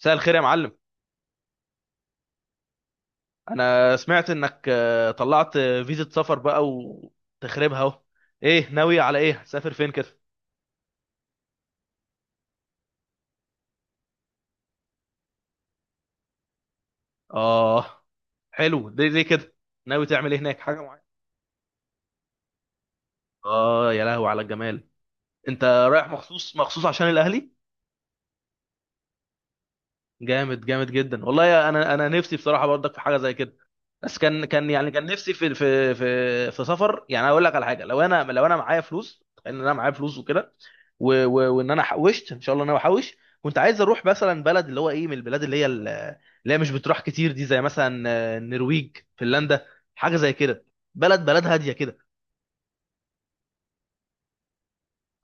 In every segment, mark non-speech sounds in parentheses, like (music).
مساء الخير يا معلم. انا سمعت انك طلعت فيزا سفر بقى وتخربها اهو. ايه، ناوي على ايه؟ سافر فين كده؟ اه، حلو. ليه كده؟ ناوي تعمل ايه هناك؟ حاجه معينه؟ اه يا لهو على الجمال. انت رايح مخصوص مخصوص عشان الاهلي؟ جامد جامد جدا والله، انا نفسي بصراحه برضك في حاجه زي كده. بس كان يعني كان نفسي في سفر. يعني اقول لك على حاجه، لو انا معايا فلوس، ان انا معايا فلوس وكده، وان انا حوشت ان شاء الله، إن انا بحوش. كنت عايز اروح مثلا بلد اللي هو ايه، من البلاد اللي هي مش بتروح كتير دي، زي مثلا النرويج، فنلندا، حاجه زي كده. بلد بلد هاديه كده.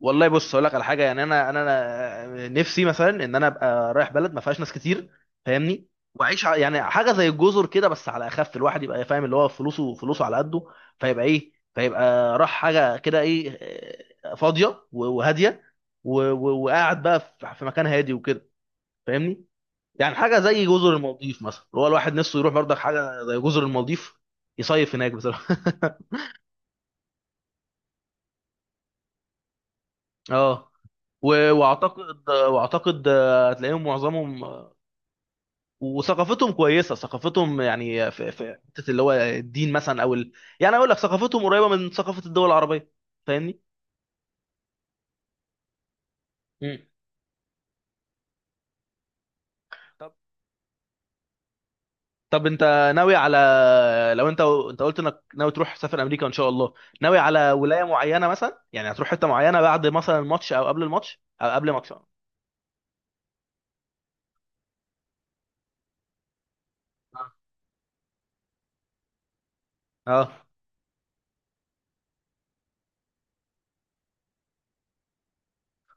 والله بص اقول لك على حاجه، يعني انا، أنا نفسي مثلا ان انا ابقى رايح بلد ما فيهاش ناس كتير. فاهمني؟ واعيش يعني حاجه زي الجزر كده، بس على اخف. الواحد يبقى فاهم اللي هو فلوسه فلوسه على قده، فيبقى ايه، فيبقى راح حاجه كده، ايه، فاضيه و وهاديه و- و- وقاعد بقى في مكان هادي وكده. فاهمني؟ يعني حاجه زي جزر المالديف مثلا، هو الواحد نفسه يروح برضك حاجه زي جزر المالديف يصيف هناك بصراحه (laughs) اه، واعتقد هتلاقيهم معظمهم وثقافتهم كويسه. ثقافتهم يعني في حته اللي هو الدين مثلا او ال... يعني اقول لك، ثقافتهم قريبه من ثقافه الدول العربيه. فاهمني؟ مم. طب طب انت ناوي على، لو انت قلت انك ناوي تروح سفر امريكا ان شاء الله، ناوي على ولايه معينه؟ مثلا يعني هتروح حته معينه بعد مثلا الماتش، او قبل الماتش، او قبل ماتش؟ اه. اه.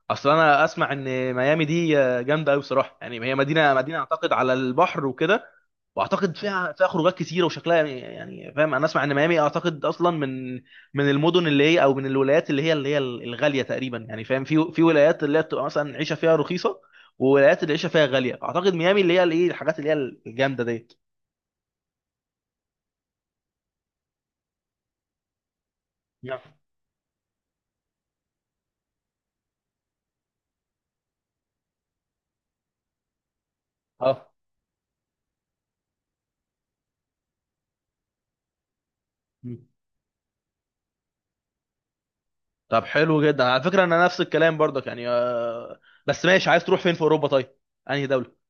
اصل انا اسمع ان ميامي دي جامده قوي بصراحه. يعني هي مدينه اعتقد على البحر وكده، واعتقد فيها خروجات كتيره وشكلها يعني، فاهم، انا اسمع ان ميامي اعتقد اصلا من من المدن اللي هي، او من الولايات اللي هي الغاليه تقريبا يعني. فاهم؟ في ولايات اللي هي بتبقى مثلا العيشه فيها رخيصه، وولايات اللي العيشه فيها غاليه. اعتقد ميامي اللي هي الايه، الحاجات اللي هي الجامده ديت. نعم. اه. مم. طب حلو جدا. على فكره انا نفس الكلام برضك يعني بس ماشي. عايز تروح فين في اوروبا طيب؟ انهي دوله؟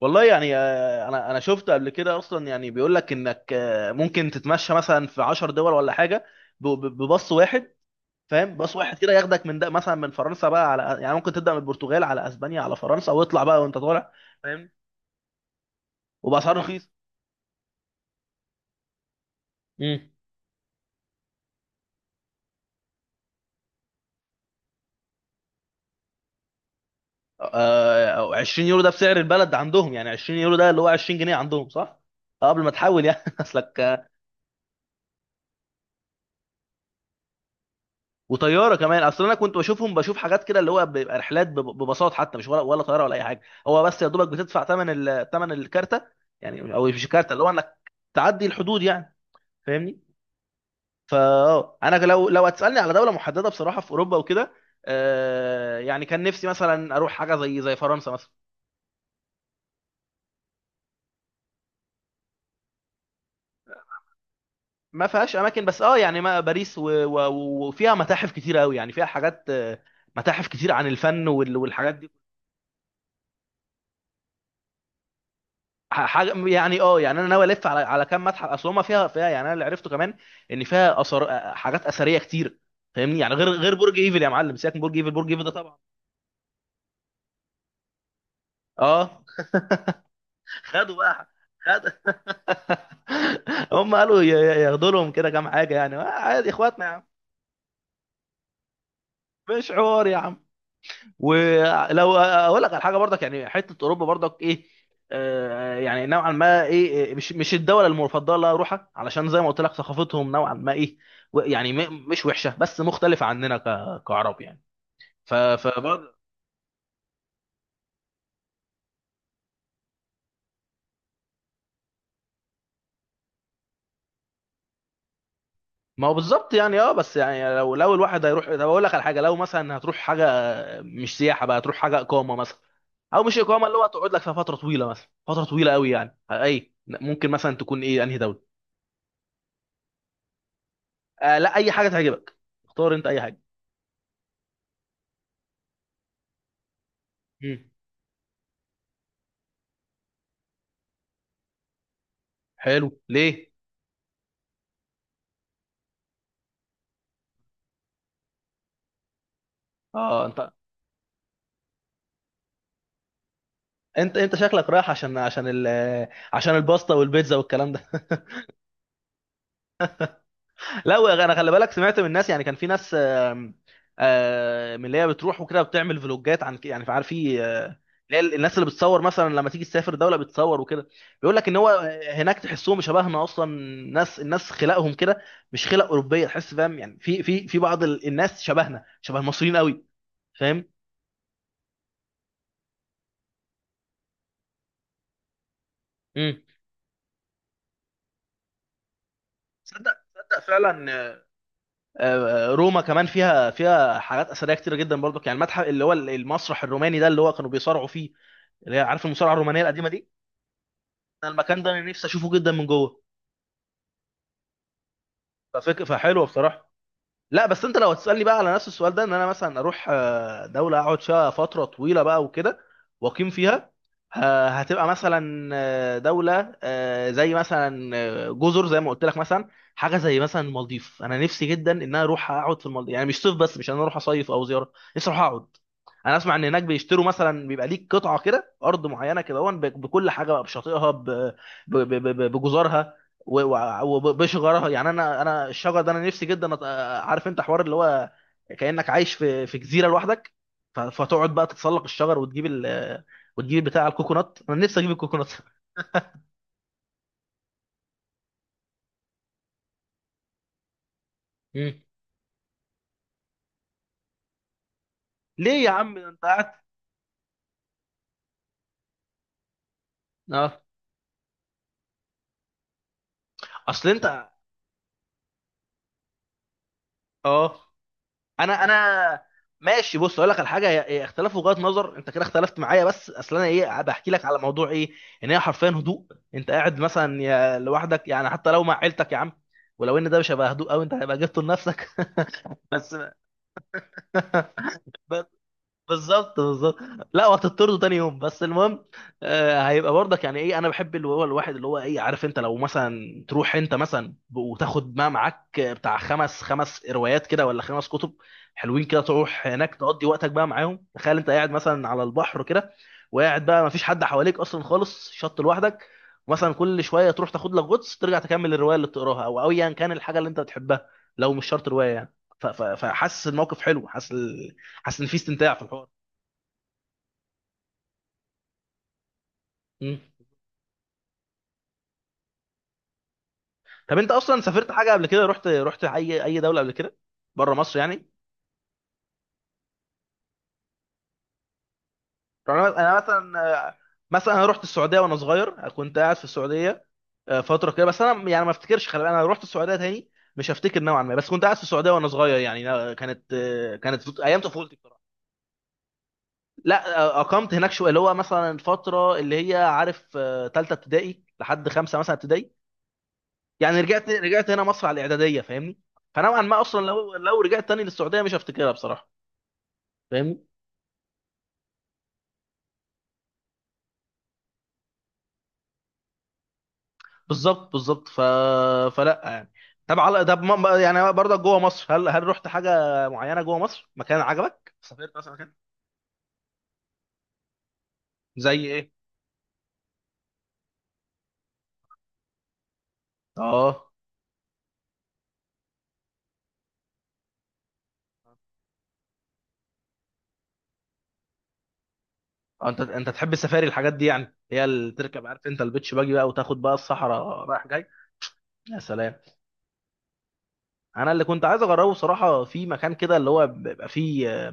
والله يعني انا شفت قبل كده اصلا، يعني بيقول لك انك ممكن تتمشى مثلا في 10 دول ولا حاجه بباص واحد. فاهم؟ باص واحد كده ياخدك من ده مثلا، من فرنسا بقى على، يعني ممكن تبدا من البرتغال على اسبانيا على فرنسا، واطلع بقى وانت طالع. فاهم؟ وباسعار رخيصه. امم. آه، 20 يورو ده بسعر البلد عندهم؟ يعني 20 يورو ده اللي هو 20 جنيه عندهم صح؟ قبل ما تحول يعني (laughs) اصلك. وطياره كمان. اصل انا كنت بشوفهم بشوف حاجات كده، اللي هو بيبقى رحلات بباصات حتى، مش ولا طياره ولا اي حاجه. هو بس يا دوبك بتدفع ثمن الكارته يعني، او مش الكارته، اللي هو انك تعدي الحدود يعني. فاهمني؟ فا انا لو هتسالني على دوله محدده بصراحه في اوروبا وكده، آه يعني كان نفسي مثلا اروح حاجه زي فرنسا مثلا. ما فيهاش اماكن بس، اه يعني ما باريس، و- و- وفيها متاحف كتير قوي. يعني فيها حاجات متاحف كتير عن الفن والحاجات دي. حاجه يعني، اه يعني انا ناوي الف على كام متحف. اصل هما فيها يعني، انا اللي عرفته كمان ان فيها اثار، حاجات اثريه كتير. فاهمني؟ يعني غير برج ايفل يا معلم. سيبك من برج ايفل، برج ايفل ده طبعا. اه. خدوا بقى. خد. (laughs) هم قالوا ياخدوا لهم كده كام حاجه يعني عادي، اخواتنا يا عم. مش حوار يا عم. ولو اقول لك على حاجه برضك، يعني حته اوروبا برضك ايه، آه يعني نوعا ما ايه، إيه، مش الدوله المفضله اللي اروحها، علشان زي ما قلت لك ثقافتهم نوعا ما ايه، و يعني مش وحشه بس مختلفه عننا، كعرب يعني. ف ف ما هو بالظبط. يعني اه، بس يعني لو الواحد هيروح، طب اقول لك على حاجه، لو مثلا هتروح حاجه مش سياحه بقى، هتروح حاجه اقامه مثلا، او مش اقامه، اللي هو تقعد لك في فتره طويله، مثلا فتره طويله قوي يعني، اي ممكن مثلا تكون ايه، انهي دوله؟ آه لا، اي حاجه تعجبك. اختار انت اي حاجه. مم. حلو ليه؟ اه انت، انت شكلك رايح عشان ال، عشان الباستا والبيتزا والكلام ده (laughs) لا انا خلي بالك، سمعت من الناس. يعني كان في ناس من اللي هي بتروح وكده بتعمل فلوجات عن يعني عارف، في اللي هي الناس اللي بتصور مثلا لما تيجي تسافر دوله بتصور وكده، بيقول لك ان هو هناك تحسهم شبهنا اصلا. ناس، الناس خلقهم كده، مش خلق اوروبيه. تحس، فاهم؟ يعني في بعض الناس شبهنا، شبه المصريين قوي. فاهم؟ امم. تصدق فعلا. روما كمان فيها حاجات اثريه كتير جدا برضك. يعني المتحف اللي هو المسرح الروماني ده اللي هو كانوا بيصارعوا فيه، اللي هي عارف، المصارعه الرومانيه القديمه دي. انا المكان ده انا نفسي اشوفه جدا من جوه. فحلوه بصراحه. لا بس انت لو هتسالني بقى على نفس السؤال ده، ان انا مثلا اروح دوله اقعد فيها فتره طويله بقى وكده واقيم فيها، هتبقى مثلا دوله زي مثلا جزر، زي ما قلت لك مثلا، حاجه زي مثلا المالديف. انا نفسي جدا ان انا اروح اقعد في المالديف، يعني مش صيف بس، مش ان انا اروح اصيف او زياره، نفسي اروح اقعد. انا اسمع ان هناك بيشتروا مثلا، بيبقى ليك قطعه كده ارض معينه كده، هون بكل حاجه بقى، بشاطئها، بجزرها، و- و- وبشجرها. يعني انا الشجر ده انا نفسي جدا عارف انت حوار اللي هو كانك عايش في جزيره لوحدك، فتقعد بقى تتسلق الشجر وتجيب ال، وتجيب بتاع الكوكونات. انا نفسي اجيب الكوكونات (laughs) مم. ليه يا عم؟ ده انت قاعد. اه، اصل انت. اه انا ماشي. بص اقول لك على حاجه، هي اختلاف وجهات نظر. انت كده اختلفت معايا، بس اصل انا ايه، بحكي لك على موضوع ايه، ان هي حرفيا هدوء. انت قاعد مثلا يا لوحدك، يعني حتى لو مع عيلتك يا عم، ولو ان ده مش هيبقى هدوء قوي، انت هيبقى جبته لنفسك (laughs) بس. (laughs) بالظبط، بالظبط. لا وهتطرده تاني يوم، بس المهم، آه هيبقى برضك يعني ايه. انا بحب اللي هو الواحد اللي هو ايه، عارف انت، لو مثلا تروح انت مثلا وتاخد ما معاك بتاع خمس روايات كده ولا خمس كتب حلوين كده، تروح هناك تقضي وقتك بقى معاهم. تخيل انت قاعد مثلا على البحر كده، وقاعد بقى ما فيش حد حواليك اصلا خالص، شط لوحدك، مثلا كل شويه تروح تاخد لك غطس، ترجع تكمل الروايه اللي بتقراها، او ايا كان الحاجه اللي انت بتحبها، لو مش شرط روايه يعني. فحاسس الموقف حلو. حاسس، حاسس ان في استمتاع في الحوار. مم. طب انت اصلا سافرت حاجه قبل كده؟ رحت اي دوله قبل كده بره مصر يعني؟ يعني انا، مثلا، مثلا انا رحت السعوديه وانا صغير. كنت قاعد في السعوديه فتره كده، بس انا يعني ما افتكرش، خلي بالك، انا رحت السعوديه تاني مش هفتكر نوعا ما، بس كنت قاعد في السعوديه وانا صغير. يعني أنا كانت كانت ايام طفولتي بصراحه. لا اقمت هناك شويه، اللي هو مثلا الفتره اللي هي عارف، ثالثه ابتدائي لحد خمسه مثلا ابتدائي. يعني رجعت هنا مصر على الاعداديه. فاهمني؟ فنوعا ما اصلا لو رجعت تاني للسعوديه مش هفتكرها بصراحه. فاهمني؟ بالظبط، بالظبط فلا يعني. طب على، طب ما-، يعني برضك جوه مصر، هل رحت حاجه معينه جوه مصر؟ مكان عجبك سافرت مثلا؟ مكان زي ايه؟ اه. انت تحب السفاري الحاجات دي؟ يعني هي اللي تركب، عارف انت البيتش باجي بقى، وتاخد بقى الصحراء رايح جاي. يا سلام. انا اللي كنت عايز اجربه بصراحه، في مكان كده اللي هو بيبقى فيه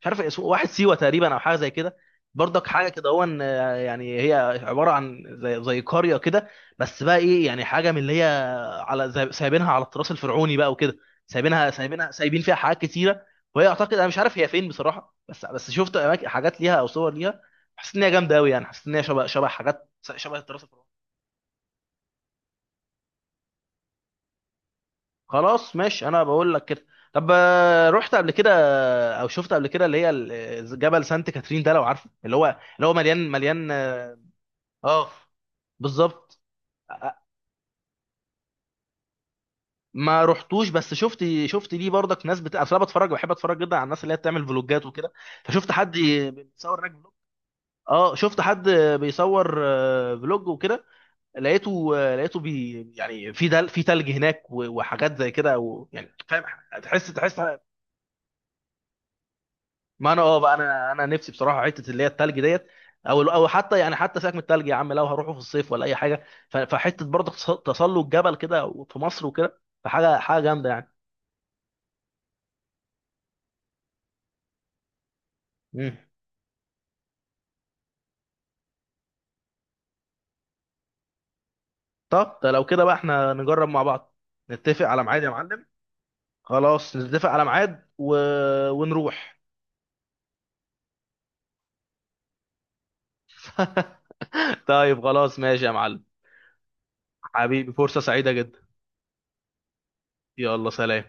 مش عارف اسمه، واحد سيوه تقريبا او حاجه زي كده. برضك حاجه كده، هو إن، يعني هي عباره عن زي قريه كده، بس بقى ايه، يعني حاجه من اللي هي، على سايبينها على التراث الفرعوني بقى وكده. سايبينها سايبين فيها حاجات كتيره، وهي اعتقد انا مش عارف هي فين بصراحه، بس شفت أماكن-، حاجات ليها او صور ليها، حسيت ان هي جامده قوي. يعني حسيت ان هي شبه حاجات، شبه التراث الفرعوني. خلاص، ماشي انا بقول لك كده. طب رحت قبل كده او شفت قبل كده اللي هي جبل سانت كاترين ده، لو عارفه، اللي هو، اللي هو مليان مليان. اه. بالظبط. آه، ما رحتوش، بس شفت ليه برضك ناس بت... اصل انا بتفرج، بحب اتفرج جدا على الناس اللي هي بتعمل فلوجات وكده، فشفت حد بيصور هناك فلوج. اه، شفت حد بيصور فلوج وكده. لقيته بي يعني، في دل...، في تلج هناك و وحاجات زي كده، او يعني فاهم، تحس ما انا، اه بقى انا نفسي بصراحه حته اللي هي التلج ديت، او حتى يعني، حتى سيبك من التلج يا عم، لو هروحوا في الصيف ولا اي حاجه، فحته برضه تسلق جبل كده في مصر وكده، فحاجه جامده يعني. مم. طب ده لو كده بقى احنا نجرب مع بعض، نتفق على ميعاد يا معلم. خلاص نتفق على ميعاد و... ونروح. (laughs) طيب خلاص، ماشي يا معلم. حبيبي، فرصه سعيده جدا. يلا، سلام.